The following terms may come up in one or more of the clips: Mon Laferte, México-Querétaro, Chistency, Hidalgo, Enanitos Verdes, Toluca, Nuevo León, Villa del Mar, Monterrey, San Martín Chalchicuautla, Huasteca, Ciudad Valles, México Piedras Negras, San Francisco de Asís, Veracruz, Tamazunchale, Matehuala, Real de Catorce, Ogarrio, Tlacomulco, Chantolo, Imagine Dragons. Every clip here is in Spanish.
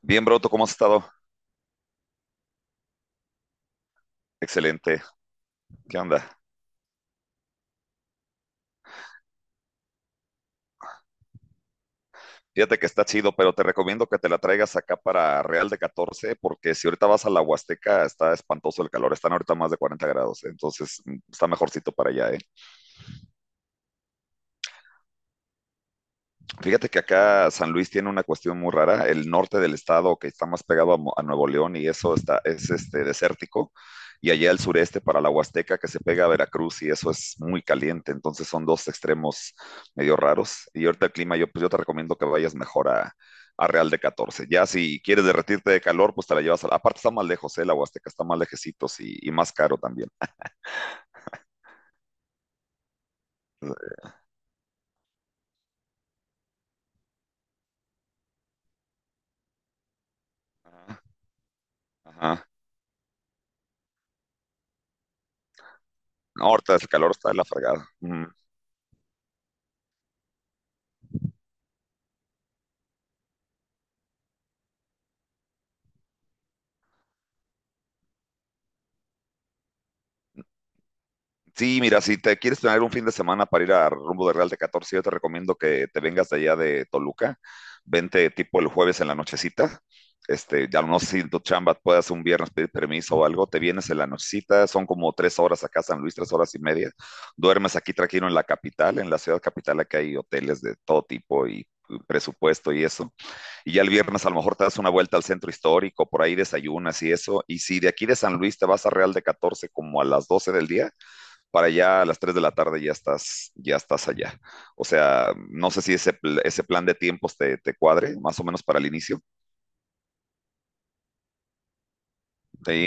Bien, Broto, ¿cómo has estado? Excelente. ¿Qué onda? Fíjate que está chido, pero te recomiendo que te la traigas acá para Real de Catorce porque si ahorita vas a la Huasteca, está espantoso el calor. Están ahorita más de 40 grados, entonces está mejorcito para allá, ¿eh? Fíjate que acá San Luis tiene una cuestión muy rara. El norte del estado, que está más pegado a Nuevo León y eso está, es desértico, y allá el sureste para la Huasteca, que se pega a Veracruz y eso es muy caliente. Entonces son dos extremos medio raros. Y ahorita el clima, pues yo te recomiendo que vayas mejor a Real de Catorce. Ya si quieres derretirte de calor, pues te la llevas a. Aparte está más lejos, ¿eh? La Huasteca está más lejecitos y más caro también. Ajá. Ajá. No, ahorita el calor está de la fregada. Mm. Sí, mira, si te quieres tener un fin de semana para ir a rumbo de Real de Catorce, yo te recomiendo que te vengas de allá de Toluca. Vente tipo el jueves en la nochecita. Ya no sé si en tu chamba puedas un viernes pedir permiso o algo. Te vienes en la nochecita, son como 3 horas acá, San Luis, 3 horas y media. Duermes aquí tranquilo en la capital, en la ciudad capital, aquí hay hoteles de todo tipo y presupuesto y eso. Y ya el viernes a lo mejor te das una vuelta al centro histórico, por ahí desayunas y eso. Y si de aquí de San Luis te vas a Real de Catorce como a las 12 del día, para allá a las 3 de la tarde ya estás allá. O sea, no sé si ese plan de tiempos te cuadre, más o menos para el inicio. Sí,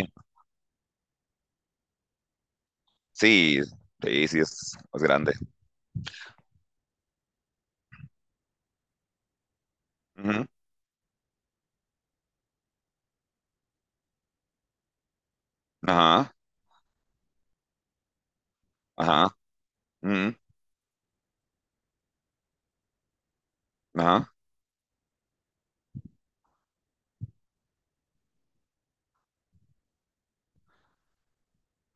sí, sí, sí es grande. Ujú. Ajá, ajá, ujú, ajá.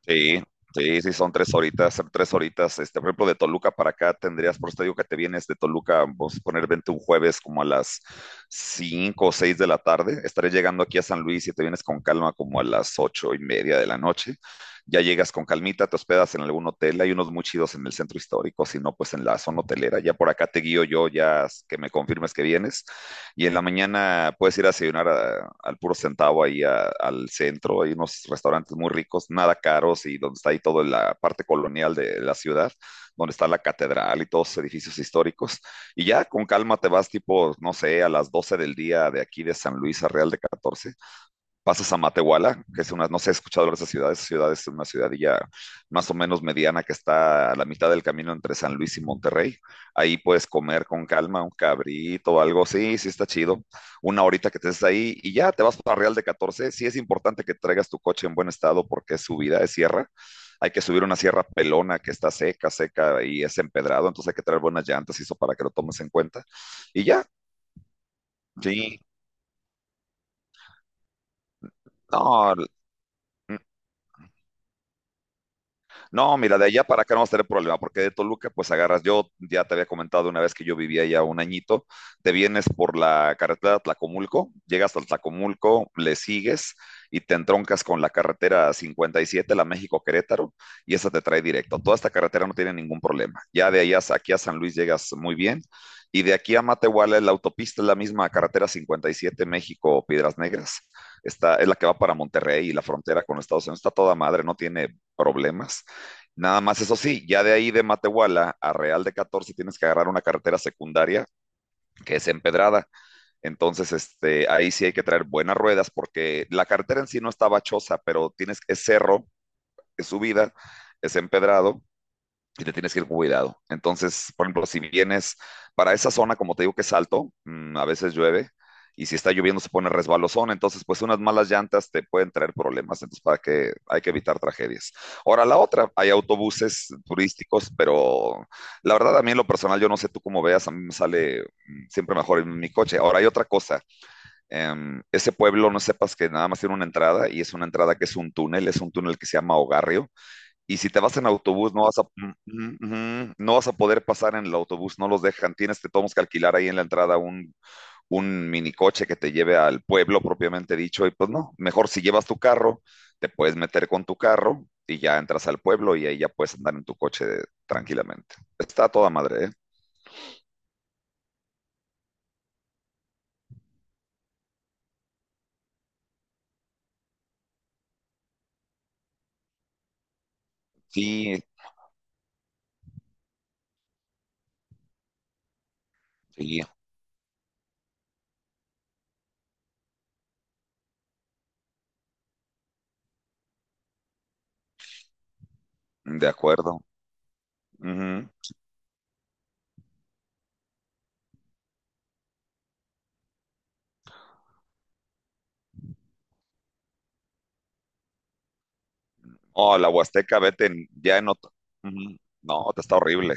Sí, sí, sí, son tres horitas, son tres horitas. Por ejemplo, de Toluca para acá tendrías, por eso te digo que te vienes de Toluca, vamos a poner, vente un jueves como a las 5 o 6 de la tarde. Estaré llegando aquí a San Luis y te vienes con calma como a las 8:30 de la noche. Ya llegas con calmita, te hospedas en algún hotel, hay unos muy chidos en el centro histórico, si no, pues en la zona hotelera. Ya por acá te guío yo, ya que me confirmes que vienes. Y en la mañana puedes ir a desayunar al puro centavo ahí al centro. Hay unos restaurantes muy ricos, nada caros y donde está ahí toda la parte colonial de la ciudad, donde está la catedral y todos los edificios históricos. Y ya con calma te vas tipo, no sé, a las 12 del día de aquí de San Luis a Real de Catorce, pasas a Matehuala, que es una, no sé, he escuchado hablar de esa ciudad es una ciudadilla más o menos mediana que está a la mitad del camino entre San Luis y Monterrey. Ahí puedes comer con calma un cabrito o algo, sí, sí está chido. Una horita que te estés ahí y ya te vas para Real de Catorce. Sí es importante que traigas tu coche en buen estado porque es subida, es sierra. Hay que subir una sierra pelona que está seca, seca y es empedrado, entonces hay que traer buenas llantas y eso para que lo tomes en cuenta. Y ya, sí, no, no, mira, de allá para acá no vas a tener problema, porque de Toluca, pues agarras, yo ya te había comentado una vez que yo vivía ya un añito, te vienes por la carretera de Tlacomulco, llegas al Tlacomulco, le sigues y te entroncas con la carretera 57, la México-Querétaro, y esa te trae directo. Toda esta carretera no tiene ningún problema. Ya de allá aquí a San Luis llegas muy bien. Y de aquí a Matehuala, la autopista es la misma carretera 57 México Piedras Negras. Es la que va para Monterrey y la frontera con Estados Unidos. Está toda madre, no tiene problemas. Nada más, eso sí, ya de ahí de Matehuala a Real de Catorce tienes que agarrar una carretera secundaria que es empedrada. Entonces, ahí sí hay que traer buenas ruedas porque la carretera en sí no está bachosa, pero es cerro, es subida, es empedrado y te tienes que ir con cuidado. Entonces, por ejemplo, si vienes para esa zona, como te digo que es alto, a veces llueve y si está lloviendo se pone resbalosón, entonces pues unas malas llantas te pueden traer problemas, entonces para que hay que evitar tragedias. Ahora la otra, hay autobuses turísticos, pero la verdad a mí en lo personal yo no sé tú cómo veas, a mí me sale siempre mejor en mi coche. Ahora hay otra cosa, ese pueblo no sepas que nada más tiene una entrada y es una entrada que es un túnel que se llama Ogarrio y si te vas en autobús, no vas a, mm, mm, mm, no vas a poder pasar en el autobús, no los dejan. Tenemos que alquilar ahí en la entrada un minicoche que te lleve al pueblo propiamente dicho. Y pues no, mejor si llevas tu carro, te puedes meter con tu carro y ya entras al pueblo y ahí ya puedes andar en tu coche tranquilamente. Está a toda madre, ¿eh? Sí, sí, de acuerdo. Ujú. Oh, la Huasteca, vete ya en otro. Ujú. No, te está horrible.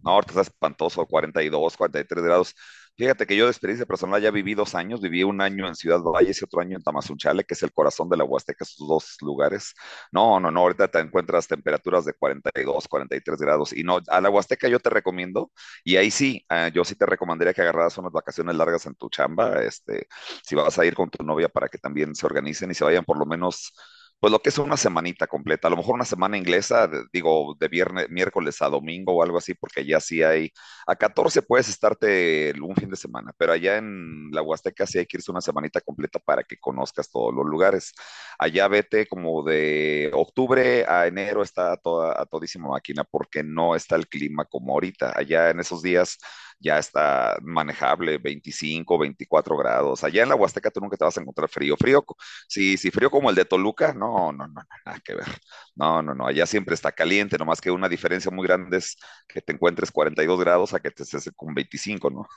No, ahorita está espantoso, 40, 42, 43 grados. Fíjate que yo de experiencia personal ya viví 2 años, viví un año en Ciudad Valles y otro año en Tamazunchale, que es el corazón de la Huasteca, esos dos lugares. No, no, no, ahorita te encuentras temperaturas de 40, 42, 43 grados. Y no, a la Huasteca yo te recomiendo, y ahí sí, yo sí te recomendaría que agarraras unas vacaciones largas en tu chamba, si vas a ir con tu novia para que también se organicen y se vayan por lo menos pues lo que es una semanita completa, a lo mejor una semana inglesa, digo, de viernes, miércoles a domingo o algo así, porque ya sí hay, a 14 puedes estarte un fin de semana, pero allá en la Huasteca sí hay que irse una semanita completa para que conozcas todos los lugares. Allá vete como de octubre a enero está a todísima máquina, porque no está el clima como ahorita. Allá en esos días ya está manejable, 25, 24 grados. Allá en la Huasteca tú nunca te vas a encontrar frío, frío. Sí, sí, frío como el de Toluca, no, no, no, no, nada que ver. No, no, no, allá siempre está caliente, nomás que una diferencia muy grande es que te encuentres 42 grados a que te estés con 25, ¿no?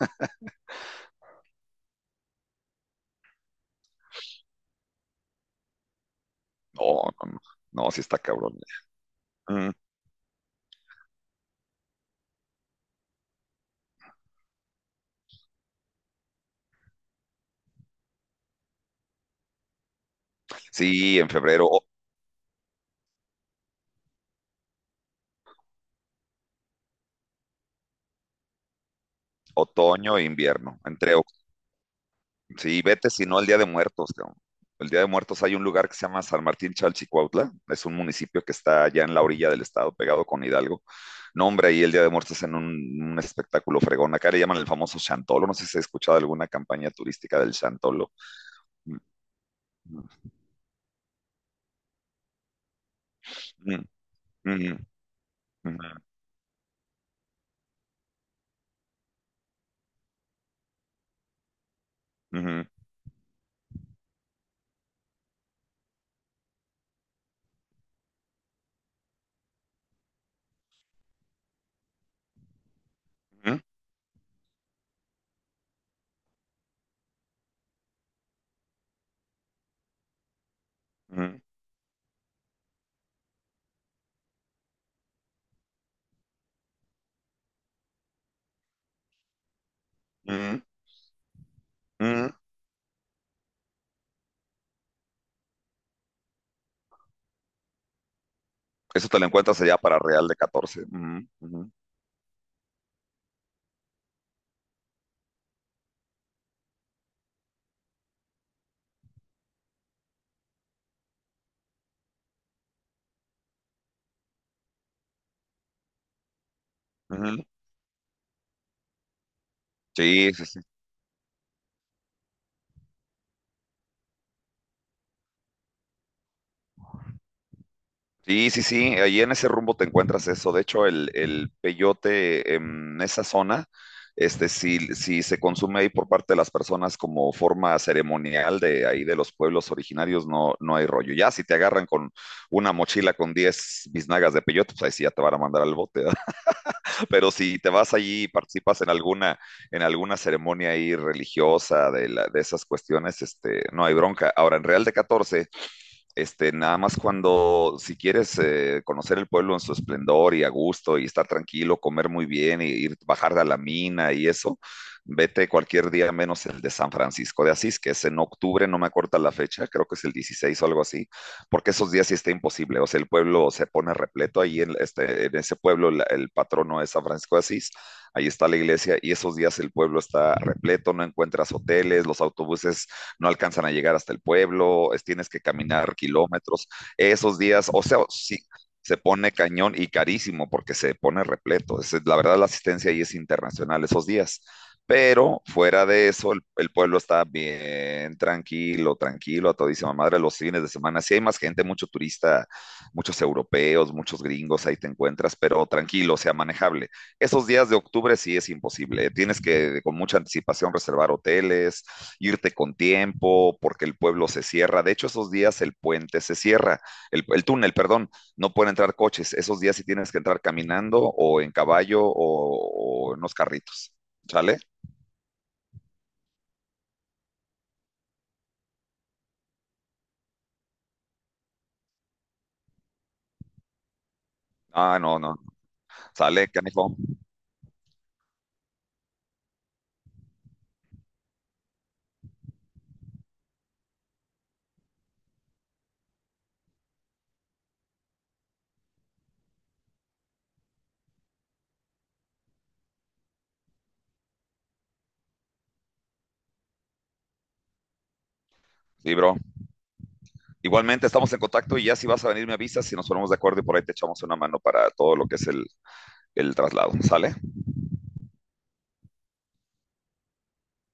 No, no, no, no, sí está cabrón. Mm. Sí, en febrero, otoño e invierno, entre. Sí, vete si no el Día de Muertos, cabrón. El Día de Muertos hay un lugar que se llama San Martín Chalchicuautla, es un municipio que está allá en la orilla del estado, pegado con Hidalgo. No, hombre, ahí el Día de Muertos es en un espectáculo fregón. Acá le llaman el famoso Chantolo, no sé si has escuchado alguna campaña turística del Chantolo. Mm, mm, mm, mm, mm, mm, mm, mm, mm. Eso te lo encuentras allá para Real de Catorce. Mm, mm, mm. Sí, sí, sí. Sí, sí, sí, ahí en ese rumbo te encuentras eso. De hecho, el peyote en esa zona, si se consume ahí por parte de las personas como forma ceremonial de ahí de los pueblos originarios, no, no hay rollo. Ya si te agarran con una mochila con 10 biznagas de peyote, pues ahí sí ya te van a mandar al bote, ¿verdad? Pero si te vas allí y participas en alguna, ceremonia ahí religiosa de esas cuestiones, no hay bronca. Ahora, en Real de Catorce, nada más si quieres conocer el pueblo en su esplendor y a gusto y estar tranquilo, comer muy bien y ir, bajar a la mina y eso, vete cualquier día menos el de San Francisco de Asís, que es en octubre, no me acuerdo la fecha, creo que es el 16 o algo así, porque esos días sí está imposible, o sea, el pueblo se pone repleto ahí en ese pueblo, el patrono es San Francisco de Asís, ahí está la iglesia y esos días el pueblo está repleto, no encuentras hoteles, los autobuses no alcanzan a llegar hasta el pueblo, tienes que caminar kilómetros. Esos días, o sea, sí, se pone cañón y carísimo porque se pone repleto. La verdad, la asistencia ahí es internacional esos días. Pero fuera de eso, el pueblo está bien tranquilo, tranquilo, a todísima madre los fines de semana. Sí hay más gente, mucho turista, muchos europeos, muchos gringos, ahí te encuentras, pero tranquilo, o sea, manejable. Esos días de octubre sí es imposible. Tienes que con mucha anticipación reservar hoteles, irte con tiempo, porque el pueblo se cierra. De hecho, esos días el puente se cierra, el túnel, perdón, no pueden entrar coches. Esos días sí tienes que entrar caminando o en caballo o en unos carritos. ¿Sale? Ah, no, no. Sale, canijo. Sí, bro. Igualmente estamos en contacto y ya si vas a venir me avisas, si nos ponemos de acuerdo y por ahí te echamos una mano para todo lo que es el traslado. ¿Sale?